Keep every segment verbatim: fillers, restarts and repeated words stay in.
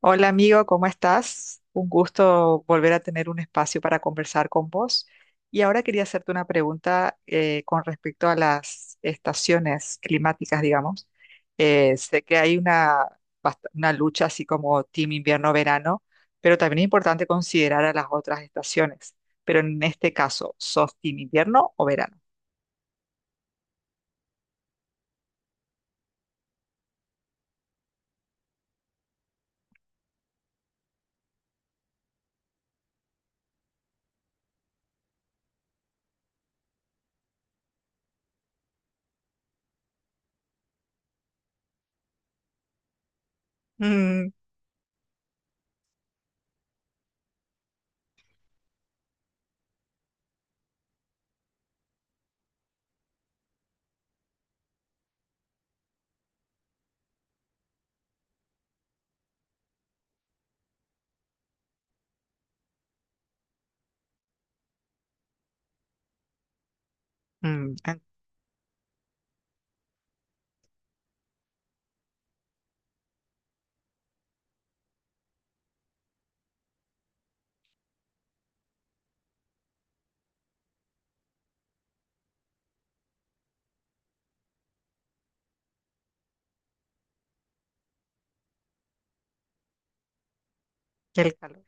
Hola amigo, ¿cómo estás? Un gusto volver a tener un espacio para conversar con vos. Y ahora quería hacerte una pregunta eh, con respecto a las estaciones climáticas, digamos. Eh, sé que hay una, bast- una lucha así como team invierno-verano, pero también es importante considerar a las otras estaciones. Pero en este caso, ¿sos team invierno o verano? Mm, mm, ah, qué el calor.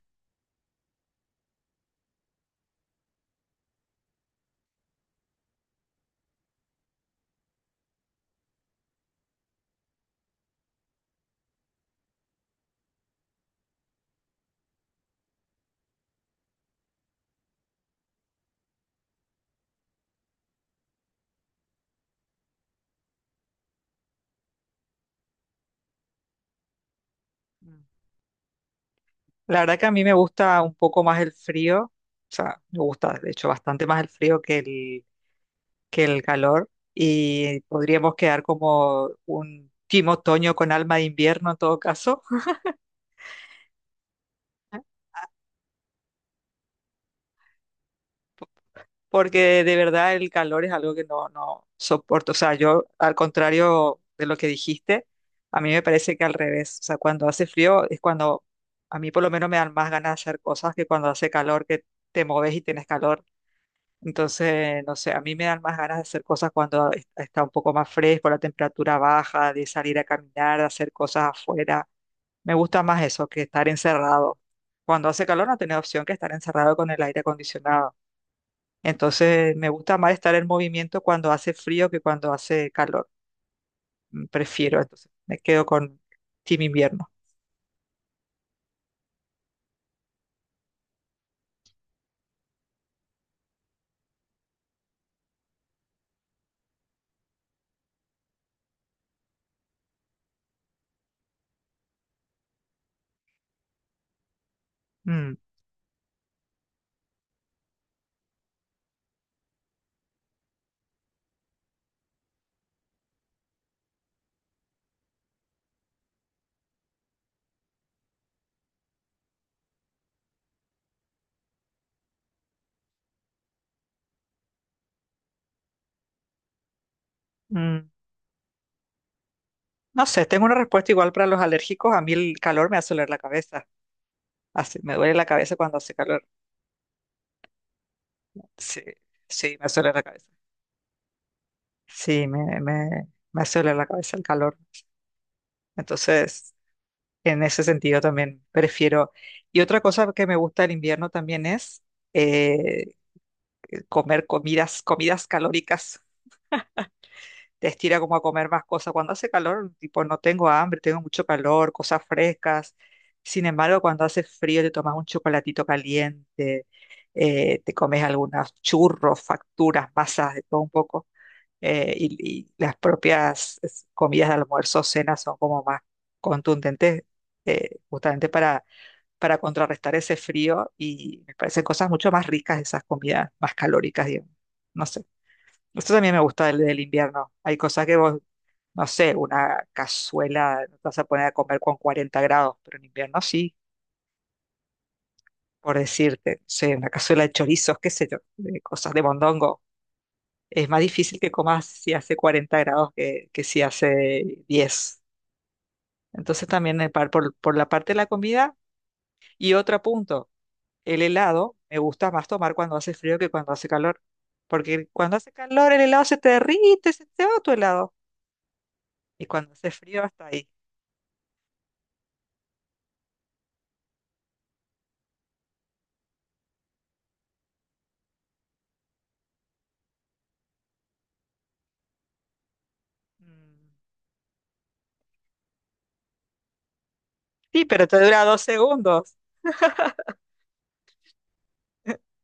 Mm. La verdad que a mí me gusta un poco más el frío, o sea, me gusta de hecho bastante más el frío que el, que el calor y podríamos quedar como un team otoño con alma de invierno en todo caso, porque de verdad el calor es algo que no, no soporto. O sea, yo al contrario de lo que dijiste, a mí me parece que al revés, o sea, cuando hace frío es cuando a mí por lo menos me dan más ganas de hacer cosas que cuando hace calor que te moves y tienes calor. Entonces, no sé, a mí me dan más ganas de hacer cosas cuando es- está un poco más fresco, la temperatura baja, de salir a caminar, de hacer cosas afuera. Me gusta más eso que estar encerrado. Cuando hace calor no tenés opción que estar encerrado con el aire acondicionado. Entonces, me gusta más estar en movimiento cuando hace frío que cuando hace calor. Mm, Prefiero, entonces, me quedo con team invierno. Mm, mm. No sé, tengo una respuesta igual para los alérgicos. A mí el calor me hace doler la cabeza. Hace- me duele la cabeza cuando hace calor. Sí, sí, me suele la cabeza. Sí, me, me, me suele la cabeza el calor. Entonces, en ese sentido también prefiero. Y otra cosa que me gusta del invierno también es eh, comer comidas, comidas calóricas. Te estira como a comer más cosas. Cuando hace calor, tipo, no tengo hambre, tengo mucho calor, cosas frescas. Sin embargo, cuando hace frío, te tomas un chocolatito caliente, eh, te comes algunos churros, facturas, masas, de todo un poco. eh, y, y las propias es, comidas de almuerzo, cenas son como más contundentes, eh, justamente para, para contrarrestar ese frío y me parecen cosas mucho más ricas esas comidas, más calóricas, digamos. No sé. Esto también me gusta del, del invierno. Hay cosas que vos, no sé, una cazuela no te vas a poner a comer con cuarenta grados, pero en invierno sí, por decirte, no sé, una cazuela de chorizos, qué sé yo, de cosas de mondongo es más difícil que comas si hace cuarenta grados que, que si hace diez. Entonces también eh, par- por, por la parte de la comida. Y otro punto, el helado me gusta más tomar cuando hace frío que cuando hace calor. Porque cuando hace calor el helado se te derrite, se te va tu helado. Y cuando hace frío hasta ahí. Mm, Sí, pero te dura dos segundos.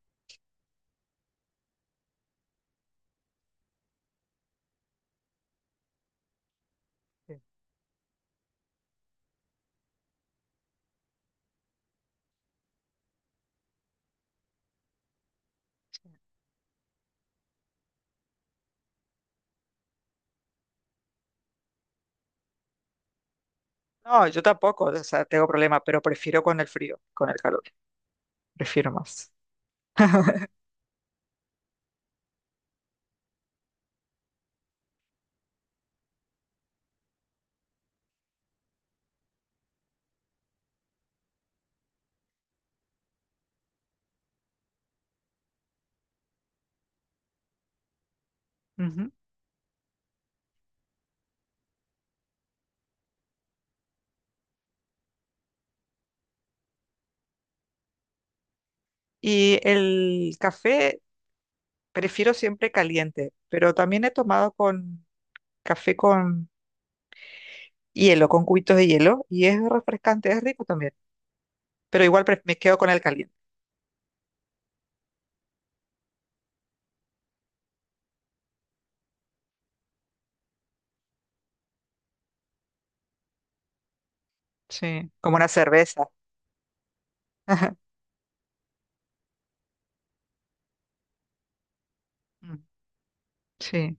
Sí. No, yo tampoco, o sea, tengo problema, pero prefiero con el frío, con el calor, prefiero más. Ujú. Y el café prefiero siempre caliente, pero también he tomado con café con hielo, con cubitos de hielo, y es refrescante, es rico también. Pero igual pref- me quedo con el caliente. Sí, como una cerveza. Mm, Sí.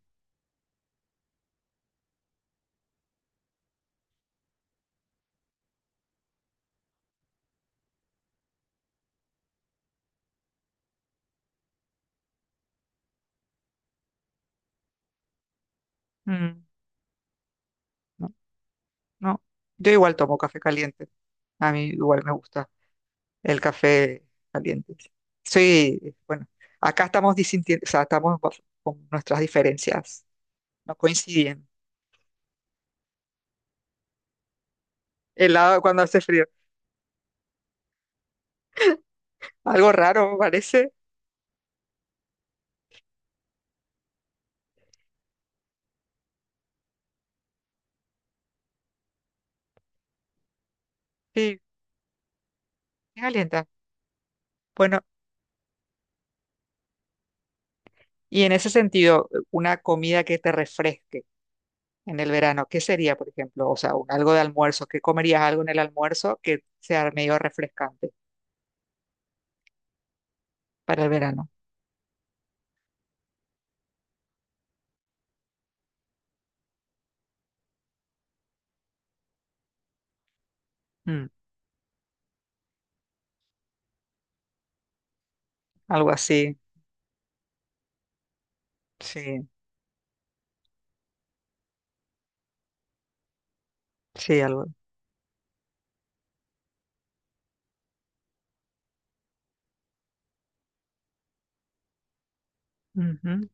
Mm, No, no. Yo igual tomo café caliente. A mí igual me gusta el café caliente. Sí, bueno, acá estamos disintiendo, o sea, estamos bas- con nuestras diferencias, no coinciden. Helado cuando hace frío. Algo raro, parece. Sí, caliente. Bueno, y en ese sentido, una comida que te refresque en el verano, ¿qué sería, por ejemplo? O sea, un- algo de almuerzo, ¿qué comerías algo en el almuerzo que sea medio refrescante para el verano? Mm, algo así, sí, sí, algo. Ujú,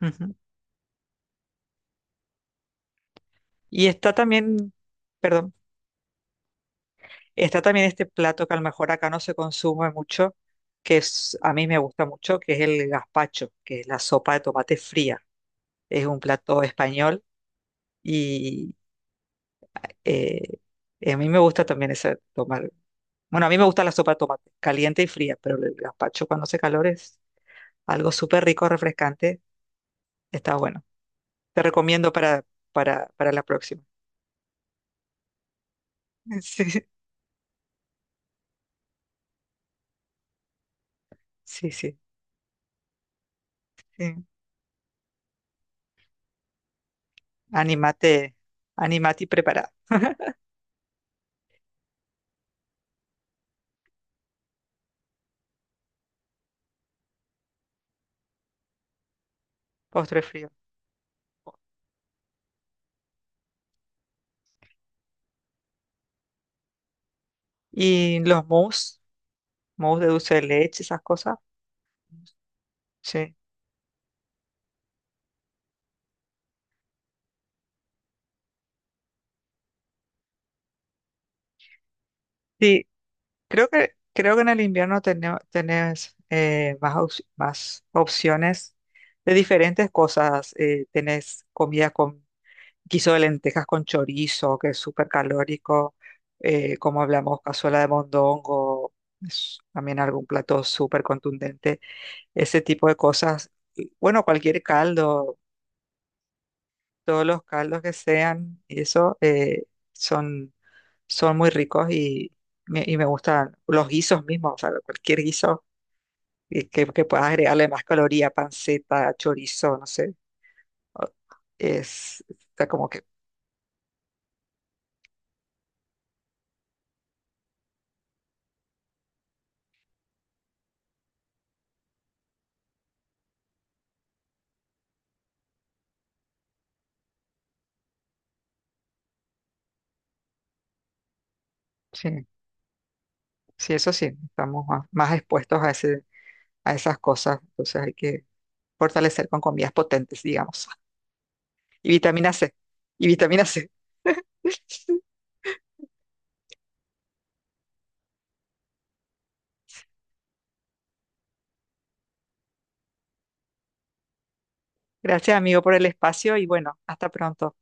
ujú. Y está también, perdón, está también este plato que a lo mejor acá no se consume mucho, que es, a mí me gusta mucho, que es el gazpacho, que es la sopa de tomate fría. Es un plato español. Eh, y a mí me gusta también esa tomar. Bueno, a mí me gusta la sopa de tomate, caliente y fría, pero el gazpacho cuando hace calor es algo súper rico, refrescante. Está bueno. Te recomiendo para, para, para la próxima. Sí, sí, sí, sí. Anímate, anímate y prepara postre frío. Y los mousse, mousse de dulce de leche, esas cosas. Sí. Sí, Creo que, creo que en el invierno tene- tenés eh, más, op- más opciones de diferentes cosas. eh, tenés comida con guiso de lentejas con chorizo, que es súper calórico, eh, como hablamos, cazuela de mondongo, es también algún plato súper contundente. Ese tipo de cosas. Y, Bueno, cualquier caldo, todos los caldos que sean, y eso eh, son, son muy ricos y me, y me gustan los guisos mismos, o sea, cualquier guiso que, que- que puedas agregarle más caloría, panceta, chorizo, no sé, o- es, está como que, sí, sí, eso sí, estamos más, más expuestos a ese, a esas cosas, entonces hay que fortalecer con comidas potentes, digamos, y vitamina C, y vitamina C. Gracias, amigo, por el espacio y bueno, hasta pronto.